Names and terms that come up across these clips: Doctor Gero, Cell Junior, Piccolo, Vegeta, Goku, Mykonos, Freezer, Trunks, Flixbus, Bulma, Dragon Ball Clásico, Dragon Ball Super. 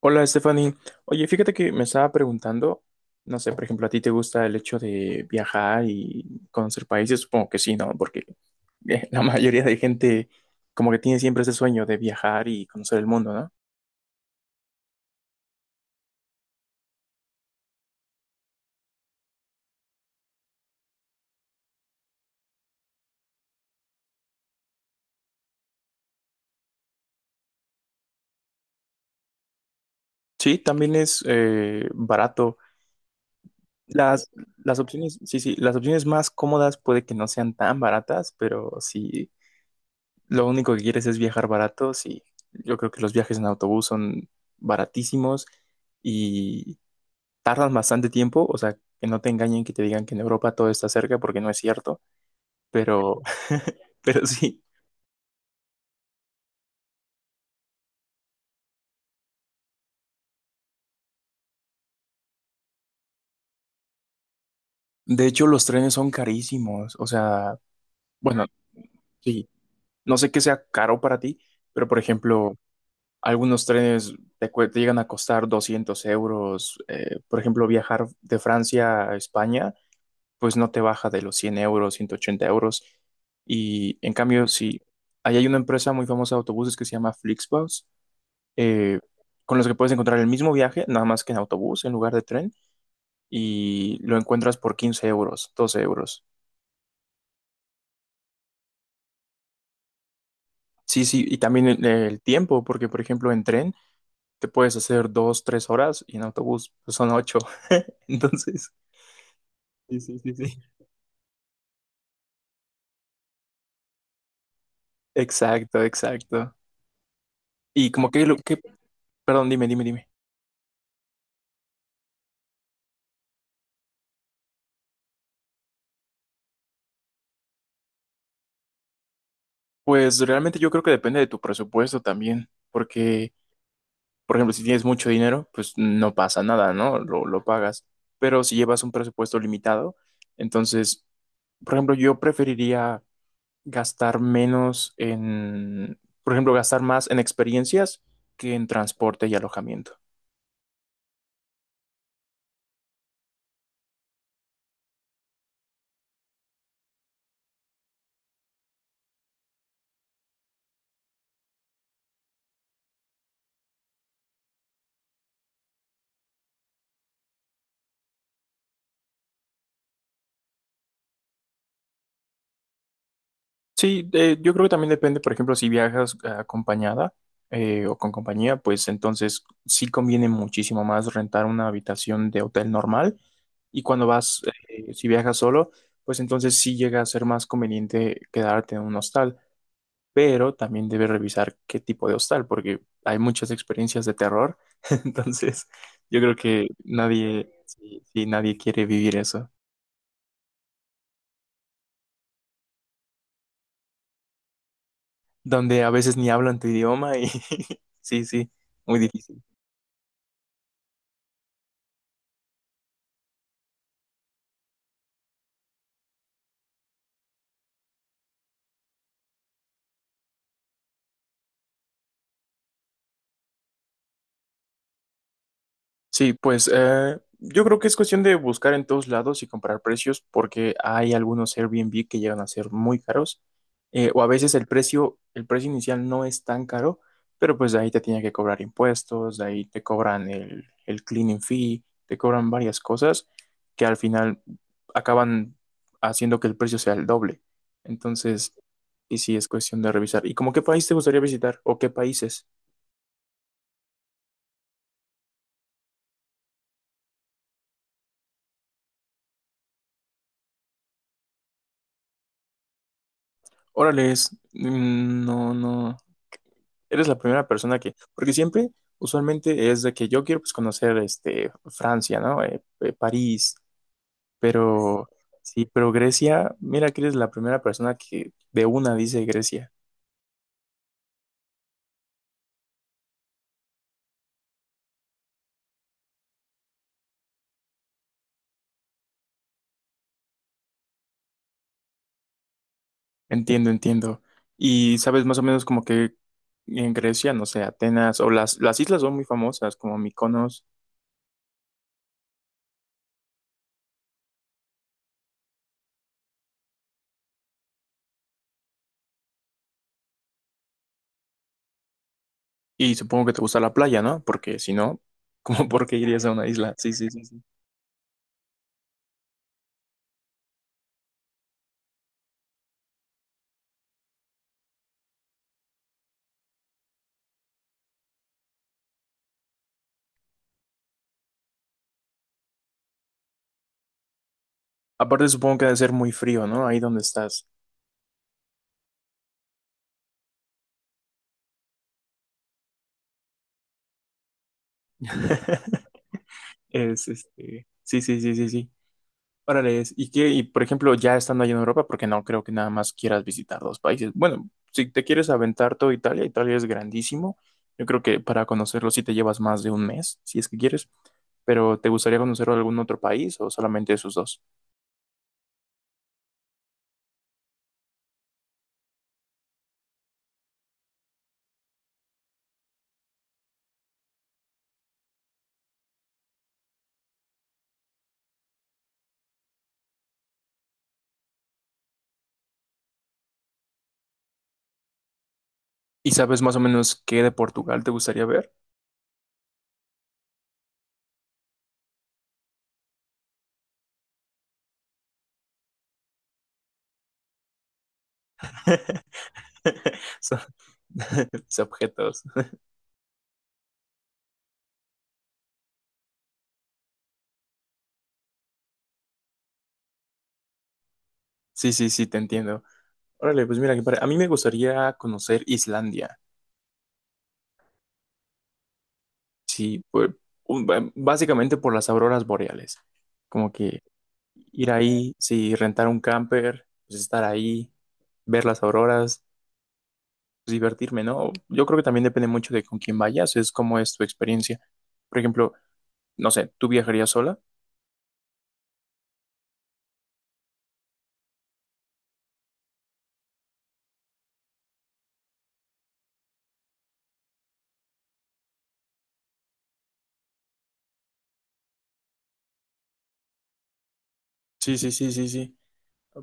Hola, Stephanie. Oye, fíjate que me estaba preguntando, no sé, por ejemplo, ¿a ti te gusta el hecho de viajar y conocer países? Supongo que sí, ¿no? Porque la mayoría de gente como que tiene siempre ese sueño de viajar y conocer el mundo, ¿no? Sí, también es barato. Las, las opciones, sí, sí, las opciones más cómodas puede que no sean tan baratas, pero si lo único que quieres es viajar barato, sí. Yo creo que los viajes en autobús son baratísimos y tardan bastante tiempo, o sea, que no te engañen que te digan que en Europa todo está cerca porque no es cierto, pero, pero sí. De hecho, los trenes son carísimos, o sea, bueno, sí, no sé qué sea caro para ti, pero por ejemplo, algunos trenes te llegan a costar 200 euros, por ejemplo, viajar de Francia a España, pues no te baja de los 100 euros, 180 euros, y en cambio, sí, ahí hay una empresa muy famosa de autobuses que se llama Flixbus, eh, con los que puedes encontrar el mismo viaje, nada más que en autobús en lugar de tren, y lo encuentras por 15 euros, 12 euros. Sí, sí, y también el tiempo, porque por ejemplo en tren te puedes hacer dos, tres horas y en autobús pues, son ocho. Entonces, sí, sí, sí, sí. Exacto, exacto. Y como que lo que, perdón, dime, dime, dime. Pues realmente yo creo que depende de tu presupuesto también, porque por ejemplo, si tienes mucho dinero, pues no pasa nada, ¿no? Lo pagas. Pero si llevas un presupuesto limitado, entonces, por ejemplo, yo preferiría gastar menos en, por ejemplo, gastar más en experiencias que en transporte y alojamiento. Sí, yo creo que también depende, por ejemplo, si viajas acompañada o con compañía, pues entonces sí conviene muchísimo más rentar una habitación de hotel normal y cuando vas, si viajas solo, pues entonces sí llega a ser más conveniente quedarte en un hostal, pero también debes revisar qué tipo de hostal, porque hay muchas experiencias de terror, entonces yo creo que nadie, sí, sí, nadie quiere vivir eso, donde a veces ni hablan tu idioma y sí, sí, muy difícil. Sí, pues yo creo que es cuestión de buscar en todos lados y comparar precios porque hay algunos Airbnb que llegan a ser muy caros o a veces el precio inicial no es tan caro, pero pues de ahí te tienen que cobrar impuestos, de ahí te cobran el cleaning fee, te cobran varias cosas que al final acaban haciendo que el precio sea el doble. Entonces, y sí, es cuestión de revisar. ¿Y como qué país te gustaría visitar o qué países? Órale, es... mm, no, no. Eres la primera persona que, porque siempre, usualmente es de que yo quiero pues conocer este Francia, ¿no? París, pero sí, pero Grecia, mira que eres la primera persona que de una dice Grecia. Entiendo, entiendo. Y sabes más o menos como que en Grecia, no sé, Atenas o las islas son muy famosas como Mykonos, y supongo que te gusta la playa, ¿no? Porque si no, ¿como por qué irías a una isla? Sí, sí, sí, sí. Aparte supongo que debe ser muy frío, ¿no? Ahí donde estás. Es este. Sí, sí, sí, sí, sí. Órale, es- ¿y qué? Y por ejemplo, ya estando allá en Europa, porque no creo que nada más quieras visitar dos países. Bueno, si te quieres aventar todo Italia, Italia es grandísimo. Yo creo que para conocerlo sí te llevas más de un mes, si es que quieres. Pero ¿te gustaría conocer algún otro país o solamente esos dos? ¿Y sabes más o menos qué de Portugal te gustaría ver? Son mis objetos. Sí, sí, sí, te entiendo. Órale, pues mira, que para- a mí me gustaría conocer Islandia. Sí, pues, básicamente por las auroras boreales. Como que ir ahí, sí, rentar un camper, pues estar ahí, ver las auroras, pues, divertirme, ¿no? Yo creo que también depende mucho de con quién vayas, es cómo es tu experiencia. Por ejemplo, no sé, ¿tú viajarías sola? Sí, sí, sí, sí, sí.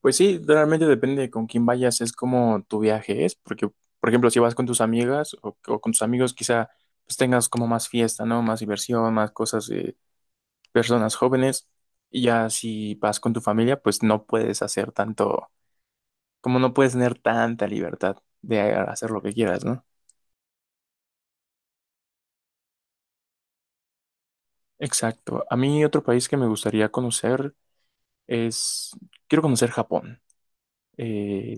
Pues sí, realmente depende de con quién vayas, es como tu viaje es, porque, por ejemplo, si vas con tus amigas o con tus amigos, quizá pues tengas como más fiesta, ¿no? Más diversión, más cosas, personas jóvenes. Y ya si vas con tu familia, pues no puedes hacer tanto, como no puedes tener tanta libertad de hacer lo que quieras, ¿no? Exacto. A mí otro país que me gustaría conocer es, quiero conocer Japón. Eh,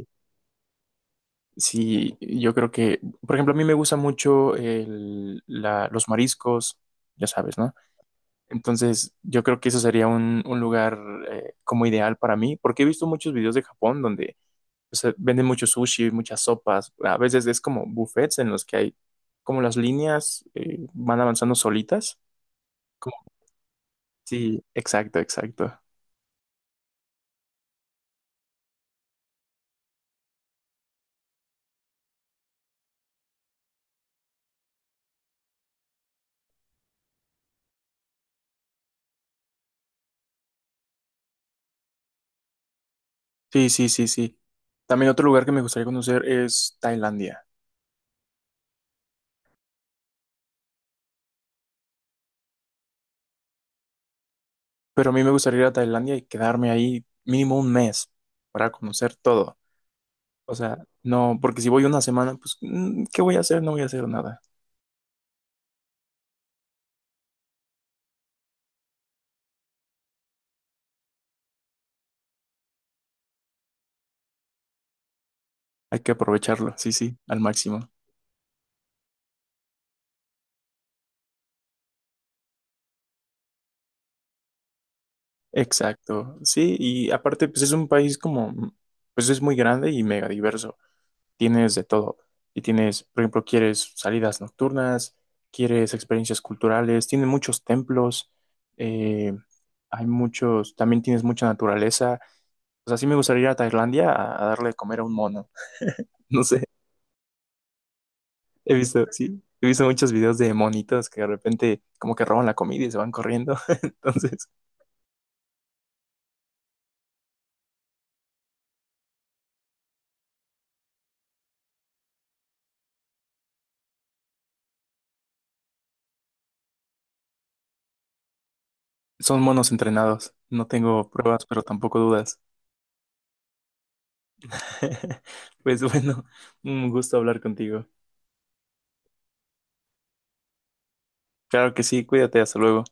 sí, yo creo que, por ejemplo, a mí me gusta mucho los mariscos, ya sabes, ¿no? Entonces, yo creo que eso sería un lugar como ideal para mí, porque he visto muchos videos de Japón donde, o sea, venden mucho sushi, muchas sopas. A veces es como buffets en los que hay como las líneas van avanzando solitas. Como- Sí, exacto, exacto. Sí, sí, sí, sí. También otro lugar que me gustaría conocer es Tailandia. Pero a mí me gustaría ir a Tailandia y quedarme ahí mínimo un mes para conocer todo. O sea, no, porque si voy una semana, pues, ¿qué voy a hacer? No voy a hacer nada. Hay que aprovecharlo, sí, sí, al máximo. Exacto, sí, y aparte pues es un país como, pues es muy grande y mega diverso, tienes de todo, y tienes, por ejemplo, quieres salidas nocturnas, quieres experiencias culturales, tiene muchos templos, eh, hay muchos, también tienes mucha naturaleza, o sea, sí me gustaría ir a Tailandia a darle de comer a un mono, no sé, he visto, sí, he visto muchos videos de monitos que de repente como que roban la comida y se van corriendo, entonces... Son monos entrenados. No tengo pruebas, pero tampoco dudas. Pues bueno, un gusto hablar contigo. Claro que sí, cuídate, hasta luego.